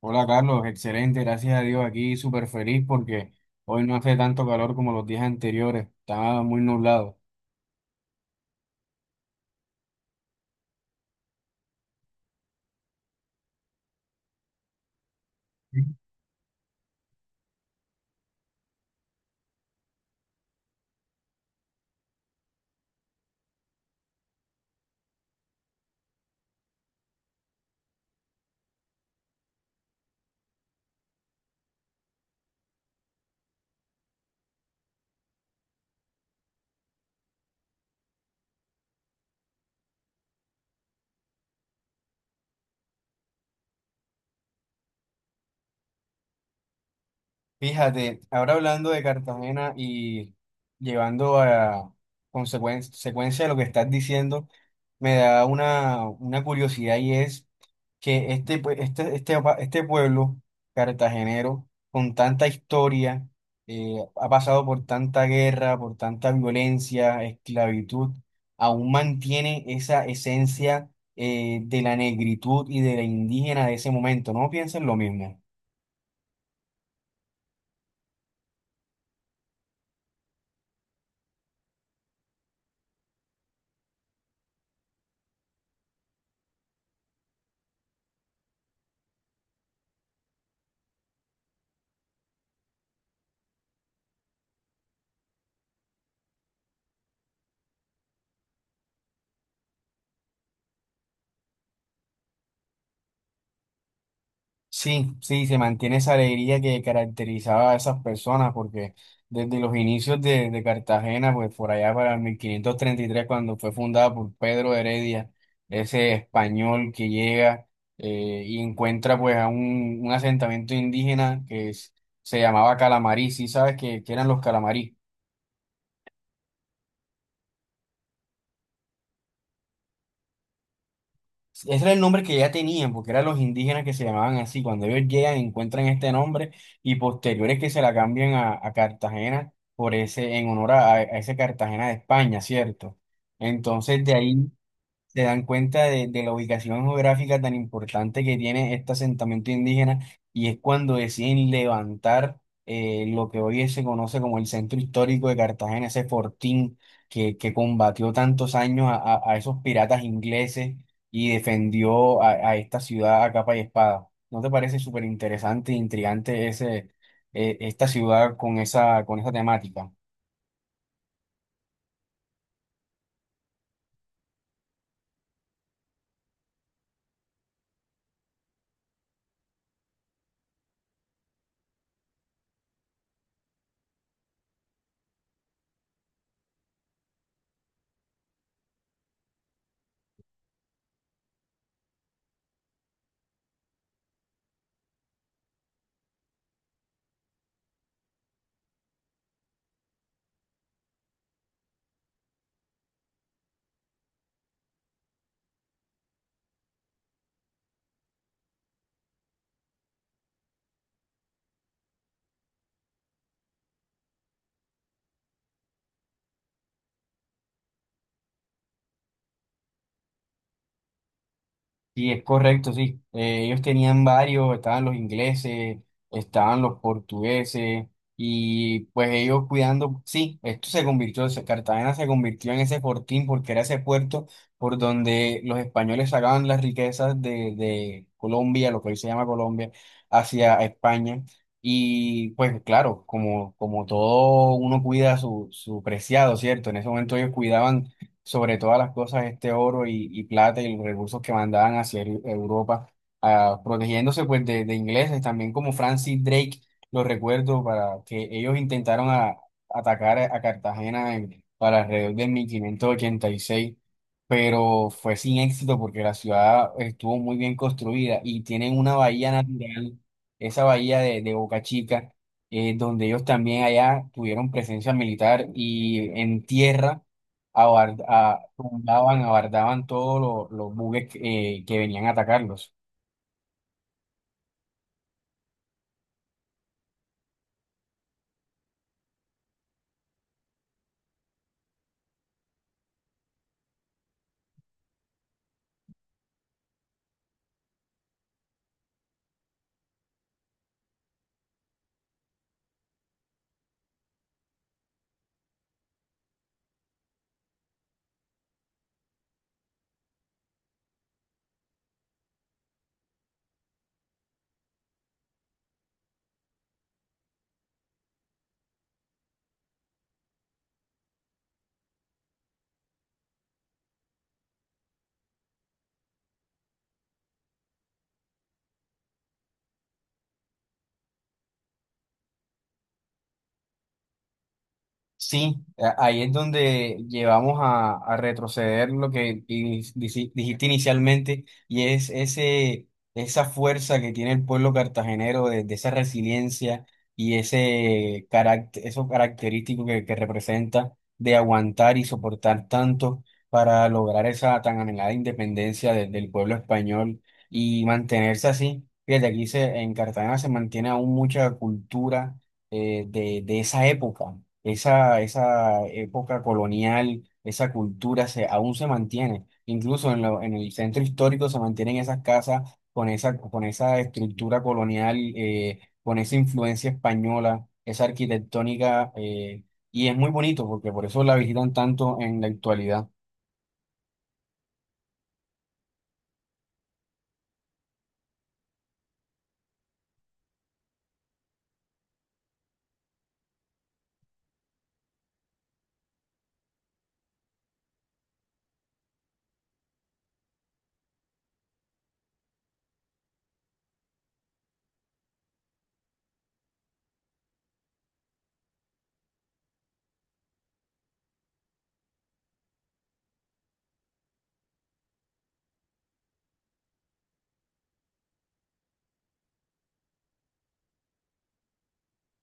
Hola Carlos, excelente, gracias a Dios aquí súper feliz porque hoy no hace tanto calor como los días anteriores, estaba muy nublado. Fíjate, ahora hablando de Cartagena y llevando a consecuencia de lo que estás diciendo, me da una curiosidad y es que este pueblo cartagenero, con tanta historia, ha pasado por tanta guerra, por tanta violencia, esclavitud, aún mantiene esa esencia de la negritud y de la indígena de ese momento. ¿No piensan lo mismo? Sí, sí, se mantiene esa alegría que caracterizaba a esas personas, porque desde los inicios de Cartagena, pues por allá para el 1533 cuando fue fundada por Pedro de Heredia, ese español que llega y encuentra pues a un asentamiento indígena que se llamaba Calamarí. ¿Sí sabes que eran los Calamarí? Ese era el nombre que ya tenían, porque eran los indígenas que se llamaban así. Cuando ellos llegan, encuentran este nombre y posteriores que se la cambian a Cartagena por ese, en honor a ese Cartagena de España, ¿cierto? Entonces de ahí se dan cuenta de la ubicación geográfica tan importante que tiene este asentamiento indígena y es cuando deciden levantar lo que hoy se conoce como el centro histórico de Cartagena, ese fortín que combatió tantos años a esos piratas ingleses y defendió a esta ciudad a capa y espada. ¿No te parece súper interesante e intrigante esta ciudad con esa temática? Sí, es correcto, sí. Ellos tenían varios, estaban los ingleses, estaban los portugueses, y pues ellos cuidando, sí, esto se convirtió, Cartagena se convirtió en ese fortín porque era ese puerto por donde los españoles sacaban las riquezas de Colombia, lo que hoy se llama Colombia, hacia España. Y pues claro, como todo uno cuida su preciado, ¿cierto? En ese momento ellos cuidaban sobre todas las cosas este oro y plata y los recursos que mandaban hacia Europa, protegiéndose pues de ingleses, también como Francis Drake, lo recuerdo, para que ellos intentaron atacar a Cartagena para alrededor de 1586, pero fue sin éxito porque la ciudad estuvo muy bien construida y tienen una bahía natural, esa bahía de Boca Chica, donde ellos también allá tuvieron presencia militar y en tierra tumbaban, abardaban todos los buques que venían a atacarlos. Sí, ahí es donde llevamos a retroceder lo que dijiste inicialmente y es esa fuerza que tiene el pueblo cartagenero de esa resiliencia y ese carácter, eso característico que representa de aguantar y soportar tanto para lograr esa tan anhelada independencia del pueblo español y mantenerse así. Fíjate, aquí en Cartagena se mantiene aún mucha cultura de esa época, esa época colonial, esa cultura aún se mantiene. Incluso en el centro histórico se mantienen esas casas con esa estructura colonial, con esa influencia española, esa arquitectónica, y es muy bonito porque por eso la visitan tanto en la actualidad.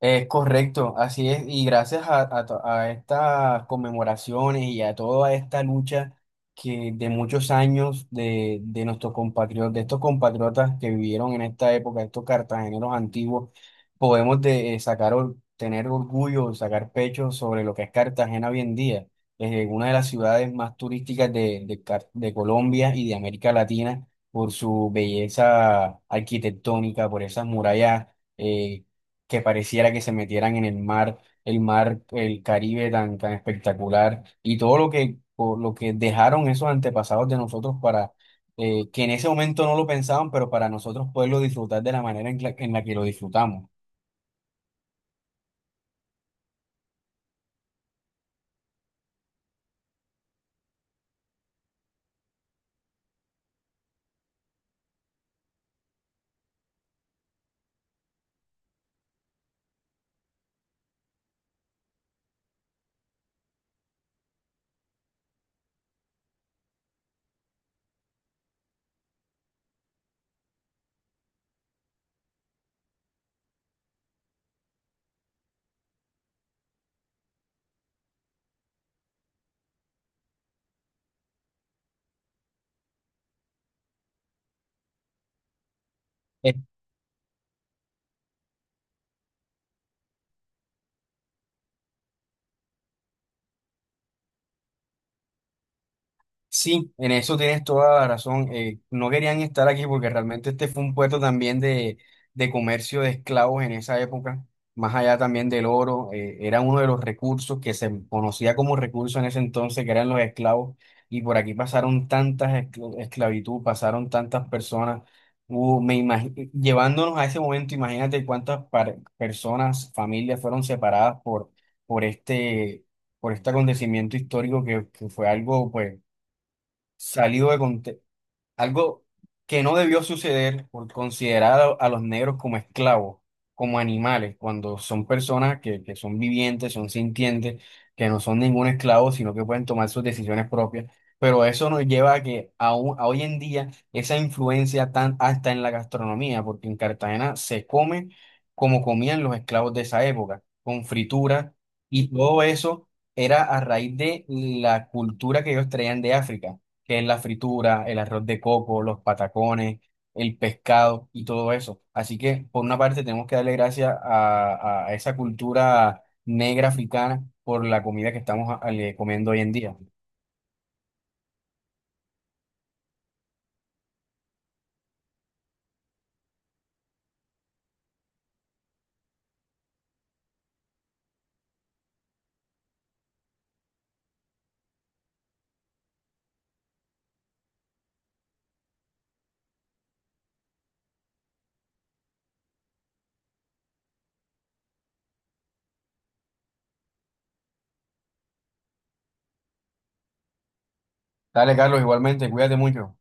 Es correcto, así es, y gracias a estas conmemoraciones y a toda esta lucha que de muchos años de nuestros compatriotas, de estos compatriotas que vivieron en esta época, estos cartageneros antiguos, podemos tener orgullo, sacar pecho sobre lo que es Cartagena hoy en día, es una de las ciudades más turísticas de Colombia y de América Latina por su belleza arquitectónica, por esas murallas eh, que pareciera que se metieran en el mar, el Caribe tan, tan espectacular y todo por lo que dejaron esos antepasados de nosotros para que en ese momento no lo pensaban, pero para nosotros poderlo disfrutar de la manera en la que lo disfrutamos. Sí, en eso tienes toda la razón. No querían estar aquí porque realmente este fue un puerto también de comercio de esclavos en esa época, más allá también del oro, era uno de los recursos que se conocía como recurso en ese entonces, que eran los esclavos, y por aquí pasaron tantas esclavitud, pasaron tantas personas, llevándonos a ese momento, imagínate cuántas personas, familias fueron separadas por este, por este acontecimiento histórico que fue algo, pues salido de contexto, algo que no debió suceder por considerar a los negros como esclavos, como animales, cuando son personas que son vivientes, son sintientes, que no son ningún esclavo, sino que pueden tomar sus decisiones propias. Pero eso nos lleva a que a hoy en día esa influencia tan hasta en la gastronomía, porque en Cartagena se come como comían los esclavos de esa época, con frituras y todo eso era a raíz de la cultura que ellos traían de África, que es la fritura, el arroz de coco, los patacones, el pescado y todo eso. Así que, por una parte, tenemos que darle gracias a esa cultura negra africana por la comida que estamos comiendo hoy en día. Dale, Carlos, igualmente, cuídate mucho.